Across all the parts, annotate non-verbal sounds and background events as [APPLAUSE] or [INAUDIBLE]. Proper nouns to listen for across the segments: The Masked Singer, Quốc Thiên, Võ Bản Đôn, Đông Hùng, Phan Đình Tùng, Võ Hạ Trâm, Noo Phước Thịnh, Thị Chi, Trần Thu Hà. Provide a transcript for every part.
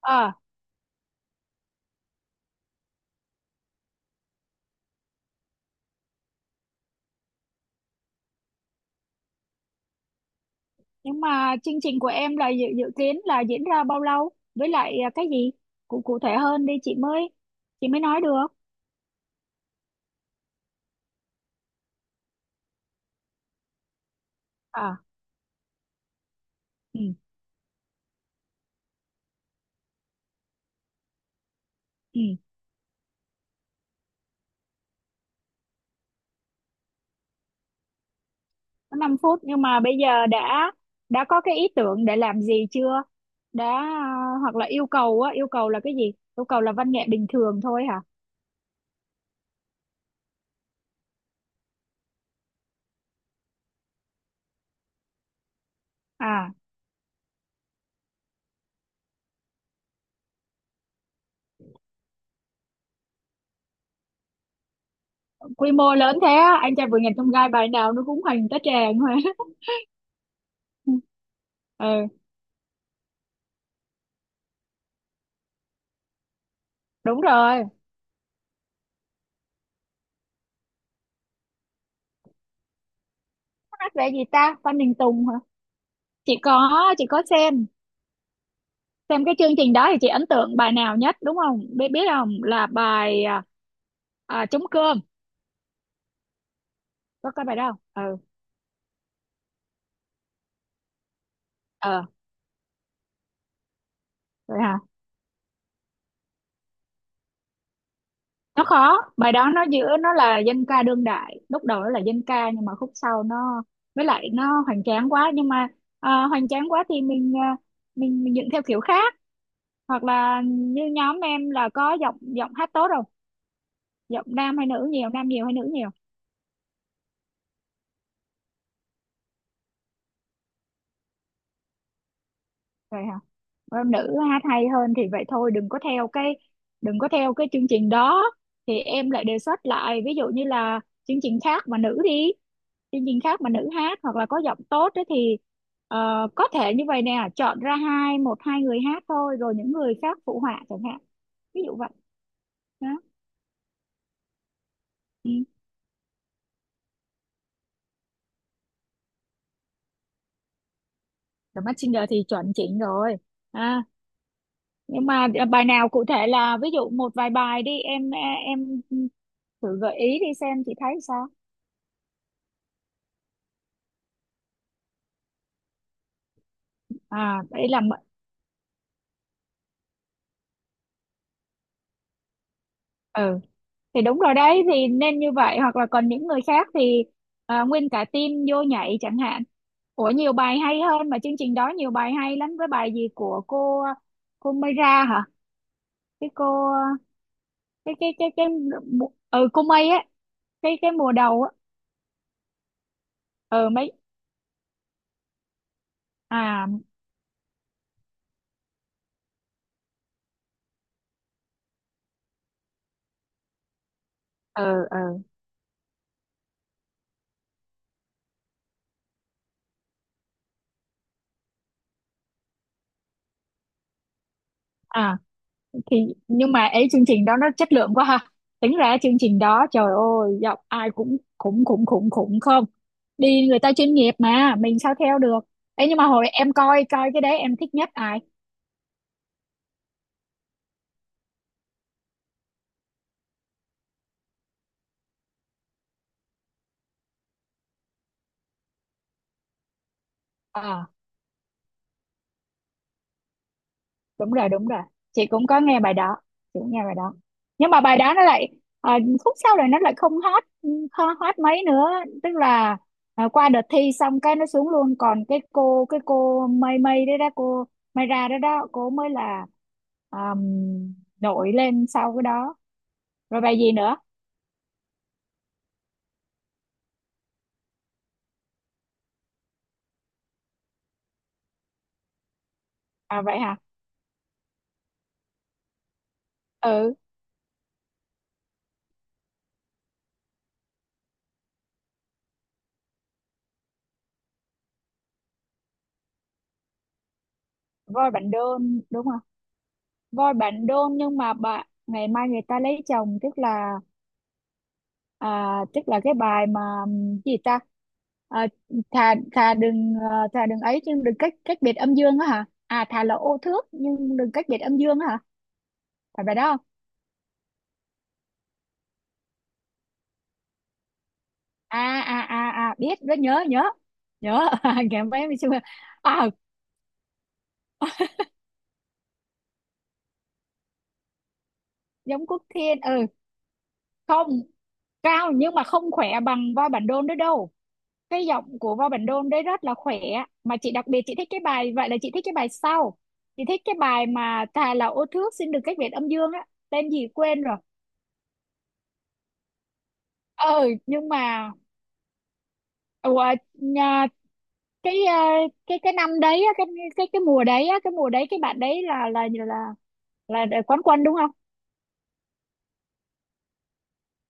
Ờ, nhưng mà chương trình của em là dự kiến là diễn ra bao lâu? Với lại cái gì? Cụ cụ thể hơn đi chị mới nói được. À. Ừ. Ừ, có 5 phút nhưng mà bây giờ đã có cái ý tưởng để làm gì chưa? Đã hoặc là yêu cầu á, yêu cầu là cái gì? Yêu cầu là văn nghệ bình thường thôi hả? À, Quy mô lớn thế á, Anh Trai Vượt Ngàn Chông Gai bài nào nó cũng hoành tá tràng mà. [LAUGHS] Ừ, đúng rồi. Hát về gì ta? Phan Đình Tùng hả? Chị có, chị có xem cái chương trình đó, thì chị ấn tượng bài nào nhất đúng không? Biết biết không, là bài trống cơm. Có cái bài đó không? Ừ. ờ Vậy hả? Nó khó, bài đó nó giữa, nó là dân ca đương đại, lúc đầu nó là dân ca nhưng mà khúc sau nó, với lại nó hoành tráng quá. Nhưng mà hoành tráng quá thì mình, mình dựng theo kiểu khác. Hoặc là như nhóm em là có giọng giọng hát tốt không? Giọng nam hay nữ, nhiều nam nhiều hay nữ nhiều? Vậy hả? Nữ hát hay hơn thì vậy thôi, đừng có theo cái chương trình đó. Thì em lại đề xuất lại, ví dụ như là chương trình khác mà nữ đi, chương trình khác mà nữ hát, hoặc là có giọng tốt ấy thì có thể như vậy nè, chọn ra một hai người hát thôi rồi những người khác phụ họa chẳng hạn. Ví dụ vậy đó. Ừ. The Masked Singer thì chuẩn chỉnh rồi. à nhưng mà bài nào cụ thể, là ví dụ một vài bài đi em thử gợi ý đi xem chị thấy sao. Đây là ừ. Thì đúng rồi đấy, thì nên như vậy, hoặc là còn những người khác thì nguyên cả team vô nhảy chẳng hạn. Ủa, nhiều bài hay hơn mà, chương trình đó nhiều bài hay lắm, với bài gì của cô Mayra hả? cái cô cái Ừ, cô May á, cái mùa đầu á. Ừ mấy. à ờ ờ à thì nhưng mà ấy, chương trình đó nó chất lượng quá ha. Tính ra chương trình đó trời ơi, giọng ai cũng khủng khủng khủng khủng, không đi, người ta chuyên nghiệp mà mình sao theo được. Ấy, nhưng mà hồi em coi coi cái đấy em thích nhất ai? À, đúng rồi, đúng rồi. Chị cũng có nghe bài đó, chị cũng nghe bài đó, nhưng mà bài đó nó lại à, khúc sau này nó lại không hot, không hot mấy nữa. Tức là qua đợt thi xong cái nó xuống luôn, còn cái cô mây mây đấy đó, cô mây ra đó đó cô mới là um, nổi lên sau cái đó. Rồi bài gì nữa? Vậy hả? Ừ. Voi Bạn Đôn đúng không? Voi Bạn Đôn, nhưng mà ngày mai người ta lấy chồng, tức là tức là cái bài mà cái gì ta, à, thà thà đừng, thà đừng ấy chứ, đừng cách cách biệt âm dương á hả? Thà là ô thước nhưng đừng cách biệt âm dương á hả? Phải bài đó không? Biết, rất nhớ, nhớ nhớ. [LAUGHS] Ngày mấy mình chưa. à Giống Quốc Thiên. Ừ. Không, cao nhưng mà không khỏe bằng Voi Bản Đôn nữa đâu. Cái giọng của Võ Bản Đôn đấy rất là khỏe. Mà chị đặc biệt chị thích cái bài, vậy là chị thích cái bài sau, chị thích cái bài mà thà là ô thước xin được cách biệt âm dương á, tên gì quên rồi. Ờ nhưng mà ủa, nhà, cái cái năm đấy á, cái mùa đấy á, cái mùa đấy cái bạn đấy là quán quân đúng không?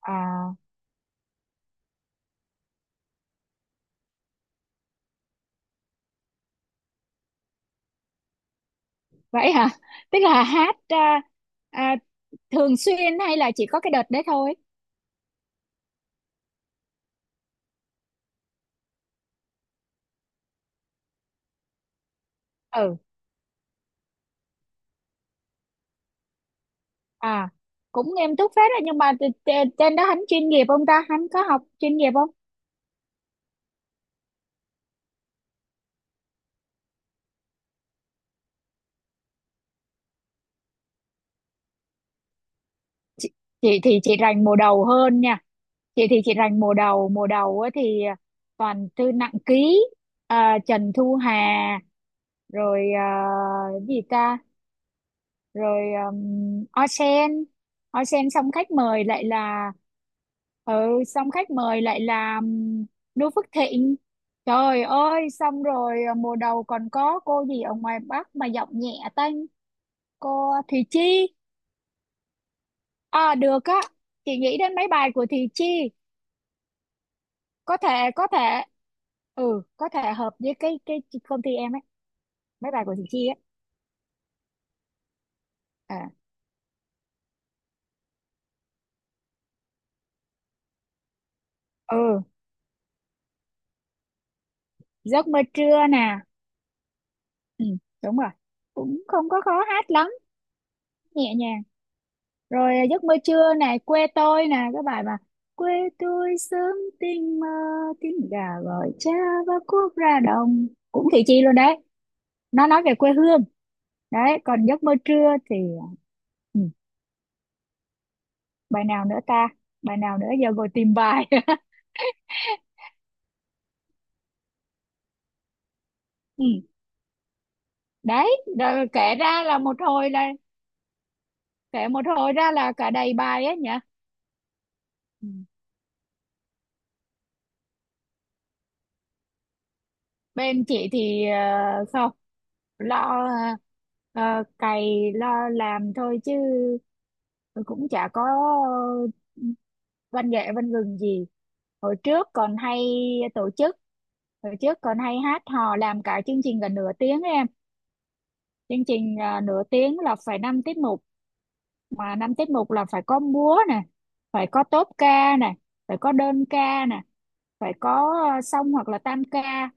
À, vậy hả? Tức là hát à, thường xuyên hay là chỉ có cái đợt đấy thôi? Ừ. à Cũng nghiêm túc phết đấy, nhưng mà trên đó hắn chuyên nghiệp không ta, hắn có học chuyên nghiệp không? Chị thì chị rành mùa đầu hơn nha. Chị thì chị rành mùa đầu, mùa đầu á thì toàn thư nặng ký. Trần Thu Hà, rồi cái gì ta, rồi Osen. Osen, xong khách mời lại là, ừ, xong khách mời lại là Noo Phước Thịnh. Trời ơi, xong rồi mùa đầu còn có cô gì ở ngoài Bắc mà giọng nhẹ tênh, cô Thị Chi. Được á. Chị nghĩ đến mấy bài của Thị Chi. Có thể, có thể. Ừ, có thể hợp với cái công ty em ấy. Mấy bài của Thị Chi ấy. à ừ. Giấc mơ trưa nè. Ừ, đúng rồi. Cũng không có khó hát lắm. Nhẹ nhàng. Rồi giấc mơ trưa này, quê tôi nè, cái bài mà "quê tôi sớm tinh mơ, tiếng gà gọi cha và cuốc ra đồng", cũng Thị Chi luôn đấy. Nó nói về quê hương. Đấy. Còn giấc mơ trưa thì. Ừ. Bài nào nữa ta? Bài nào nữa, giờ ngồi tìm bài. [LAUGHS] Ừ. Đấy, rồi kể ra là một hồi là, kể một hồi ra là cả đầy bài ấy nhỉ. Ừ. Bên chị thì không. Lo, ờ, cày lo làm thôi chứ, cũng chả có ờ, văn nghệ văn gừng gì. Hồi trước còn hay tổ chức, hồi trước còn hay hát hò, làm cả chương trình gần nửa tiếng ấy em. Chương trình nửa tiếng là phải năm tiết mục. Mà năm tiết mục là phải có múa nè, phải có tốp ca nè, phải có đơn ca nè, phải có song hoặc là tam ca,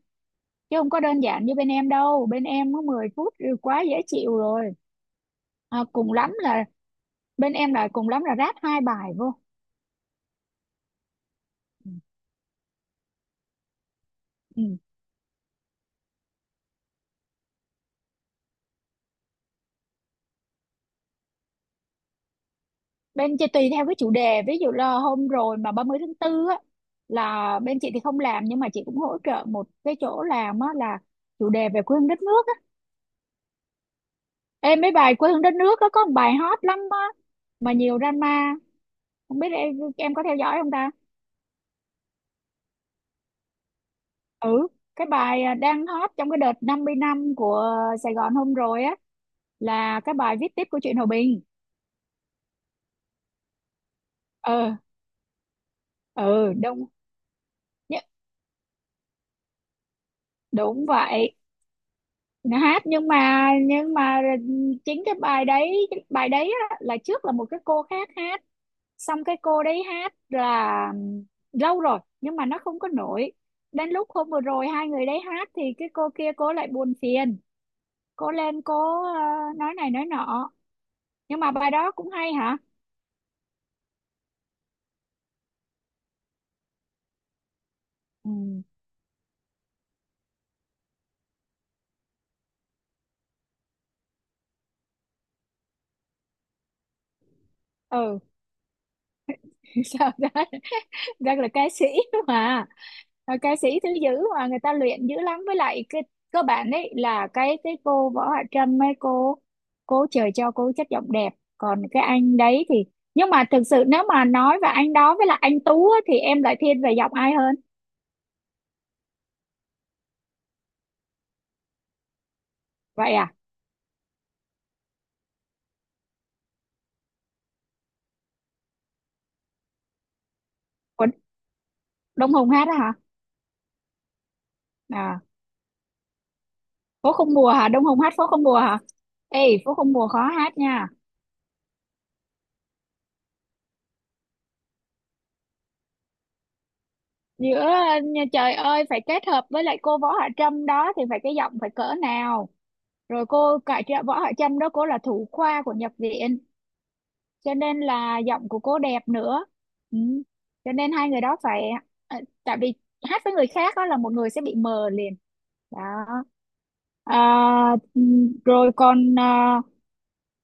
chứ không có đơn giản như bên em đâu. Bên em có 10 phút thì quá dễ chịu rồi. Cùng lắm là, bên em là cùng lắm là ráp hai bài vô. Ừ. Ừ. Bên chị tùy theo cái chủ đề, ví dụ là hôm rồi mà 30 tháng 4 á là bên chị thì không làm, nhưng mà chị cũng hỗ trợ một cái chỗ làm á, là chủ đề về quê hương đất nước á. Em, mấy bài quê hương đất nước á có một bài hot lắm á, mà nhiều drama, không biết em có theo dõi không ta? Ừ, cái bài đang hot trong cái đợt 50 năm của Sài Gòn hôm rồi á, là cái bài Viết Tiếp của truyện Hòa Bình. ờ ừ, đúng. nhớ- Đúng vậy. Nó hát nhưng mà chính cái bài đấy, cái bài đấy á, là trước là một cái cô khác hát. Xong cái cô đấy hát là lâu rồi nhưng mà nó không có nổi. Đến lúc hôm vừa rồi hai người đấy hát, thì cái cô kia cô lại buồn phiền, cô lên cô nói này nói nọ. Nhưng mà bài đó cũng hay hả? Ừ, ừ. [LAUGHS] Sao đó. Rất là ca sĩ mà. Ờ, ca sĩ thứ dữ, mà người ta luyện dữ lắm, với lại cái cơ bản đấy là cái cô Võ Hạ Trâm ấy, cô trời cho cô chất giọng đẹp. Còn cái anh đấy thì. Nhưng mà thực sự nếu mà nói về anh đó với lại anh Tú á, thì em lại thiên về giọng ai hơn? Vậy à? Còn Đông Hùng hát á hả? à, Phố không mùa hả, Đông Hùng hát phố không mùa hả? Ê, phố không mùa khó hát nha. Giữa nhà trời ơi, phải kết hợp với lại cô Võ Hạ Trâm đó thì phải cái giọng phải cỡ nào? Rồi cô, cả chị Võ Hạ Trâm đó cô là thủ khoa của nhập viện, cho nên là giọng của cô đẹp nữa. Ừ. Cho nên hai người đó phải ờ, tại vì hát với người khác đó là một người sẽ bị mờ liền. Đó. À, rồi còn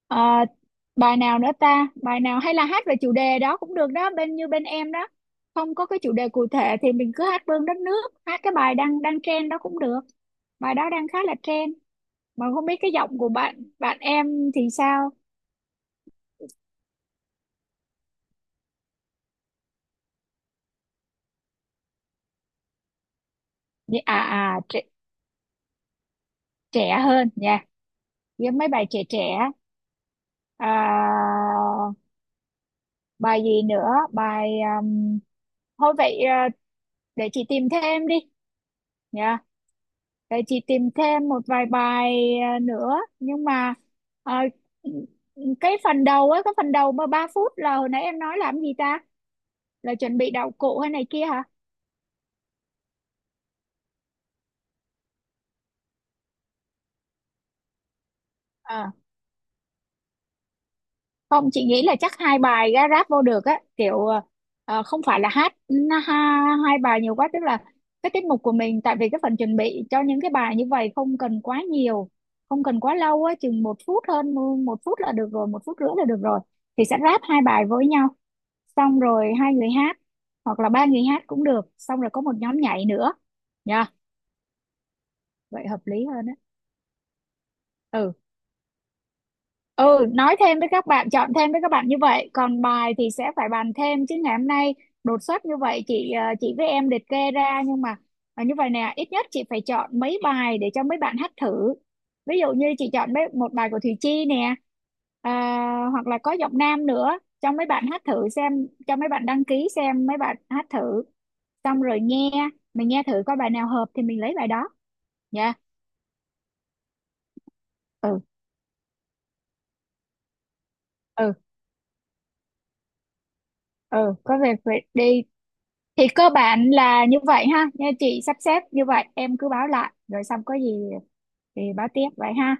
à, bài nào nữa ta? Bài nào hay là hát về chủ đề đó cũng được đó, bên như bên em đó. Không có cái chủ đề cụ thể thì mình cứ hát Vương đất nước, hát cái bài đang đang trend đó cũng được. Bài đó đang khá là trend. Mà không biết cái giọng của bạn bạn em thì sao? Trẻ, trẻ hơn nha. Với mấy bài trẻ trẻ. À, bài gì nữa? Bài um, thôi vậy, để chị tìm thêm đi nha. Vậy chị tìm thêm một vài bài nữa, nhưng mà à, cái phần đầu á, cái phần đầu mà 3 phút là hồi nãy em nói làm gì ta, là chuẩn bị đạo cụ hay này kia hả? à Không, chị nghĩ là chắc hai bài ra ráp vô được á kiểu, không phải là hát ha, hai bài nhiều quá, tức là cái tiết mục của mình, tại vì cái phần chuẩn bị cho những cái bài như vậy không cần quá nhiều, không cần quá lâu á, chừng 1 phút hơn, 1 phút là được rồi, 1 phút rưỡi là được rồi. Thì sẽ ráp hai bài với nhau, xong rồi hai người hát hoặc là ba người hát cũng được, xong rồi có một nhóm nhảy nữa nha. Vậy hợp lý hơn á. Ừ. Ừ, nói thêm với các bạn, chọn thêm với các bạn như vậy, còn bài thì sẽ phải bàn thêm, chứ ngày hôm nay đột xuất như vậy chị chị với em liệt kê ra, nhưng mà như vậy nè, ít nhất chị phải chọn mấy bài để cho mấy bạn hát thử. Ví dụ như chị chọn mấy, một bài của Thùy Chi nè, à, hoặc là có giọng nam nữa cho mấy bạn hát thử xem, cho mấy bạn đăng ký xem mấy bạn hát thử, xong rồi nghe, mình nghe thử coi bài nào hợp thì mình lấy bài đó nha. Ừ. Ừ. Ừ, có việc phải đi. Thì cơ bản là như vậy ha, nha chị sắp xếp như vậy, em cứ báo lại rồi xong có gì thì báo tiếp vậy ha.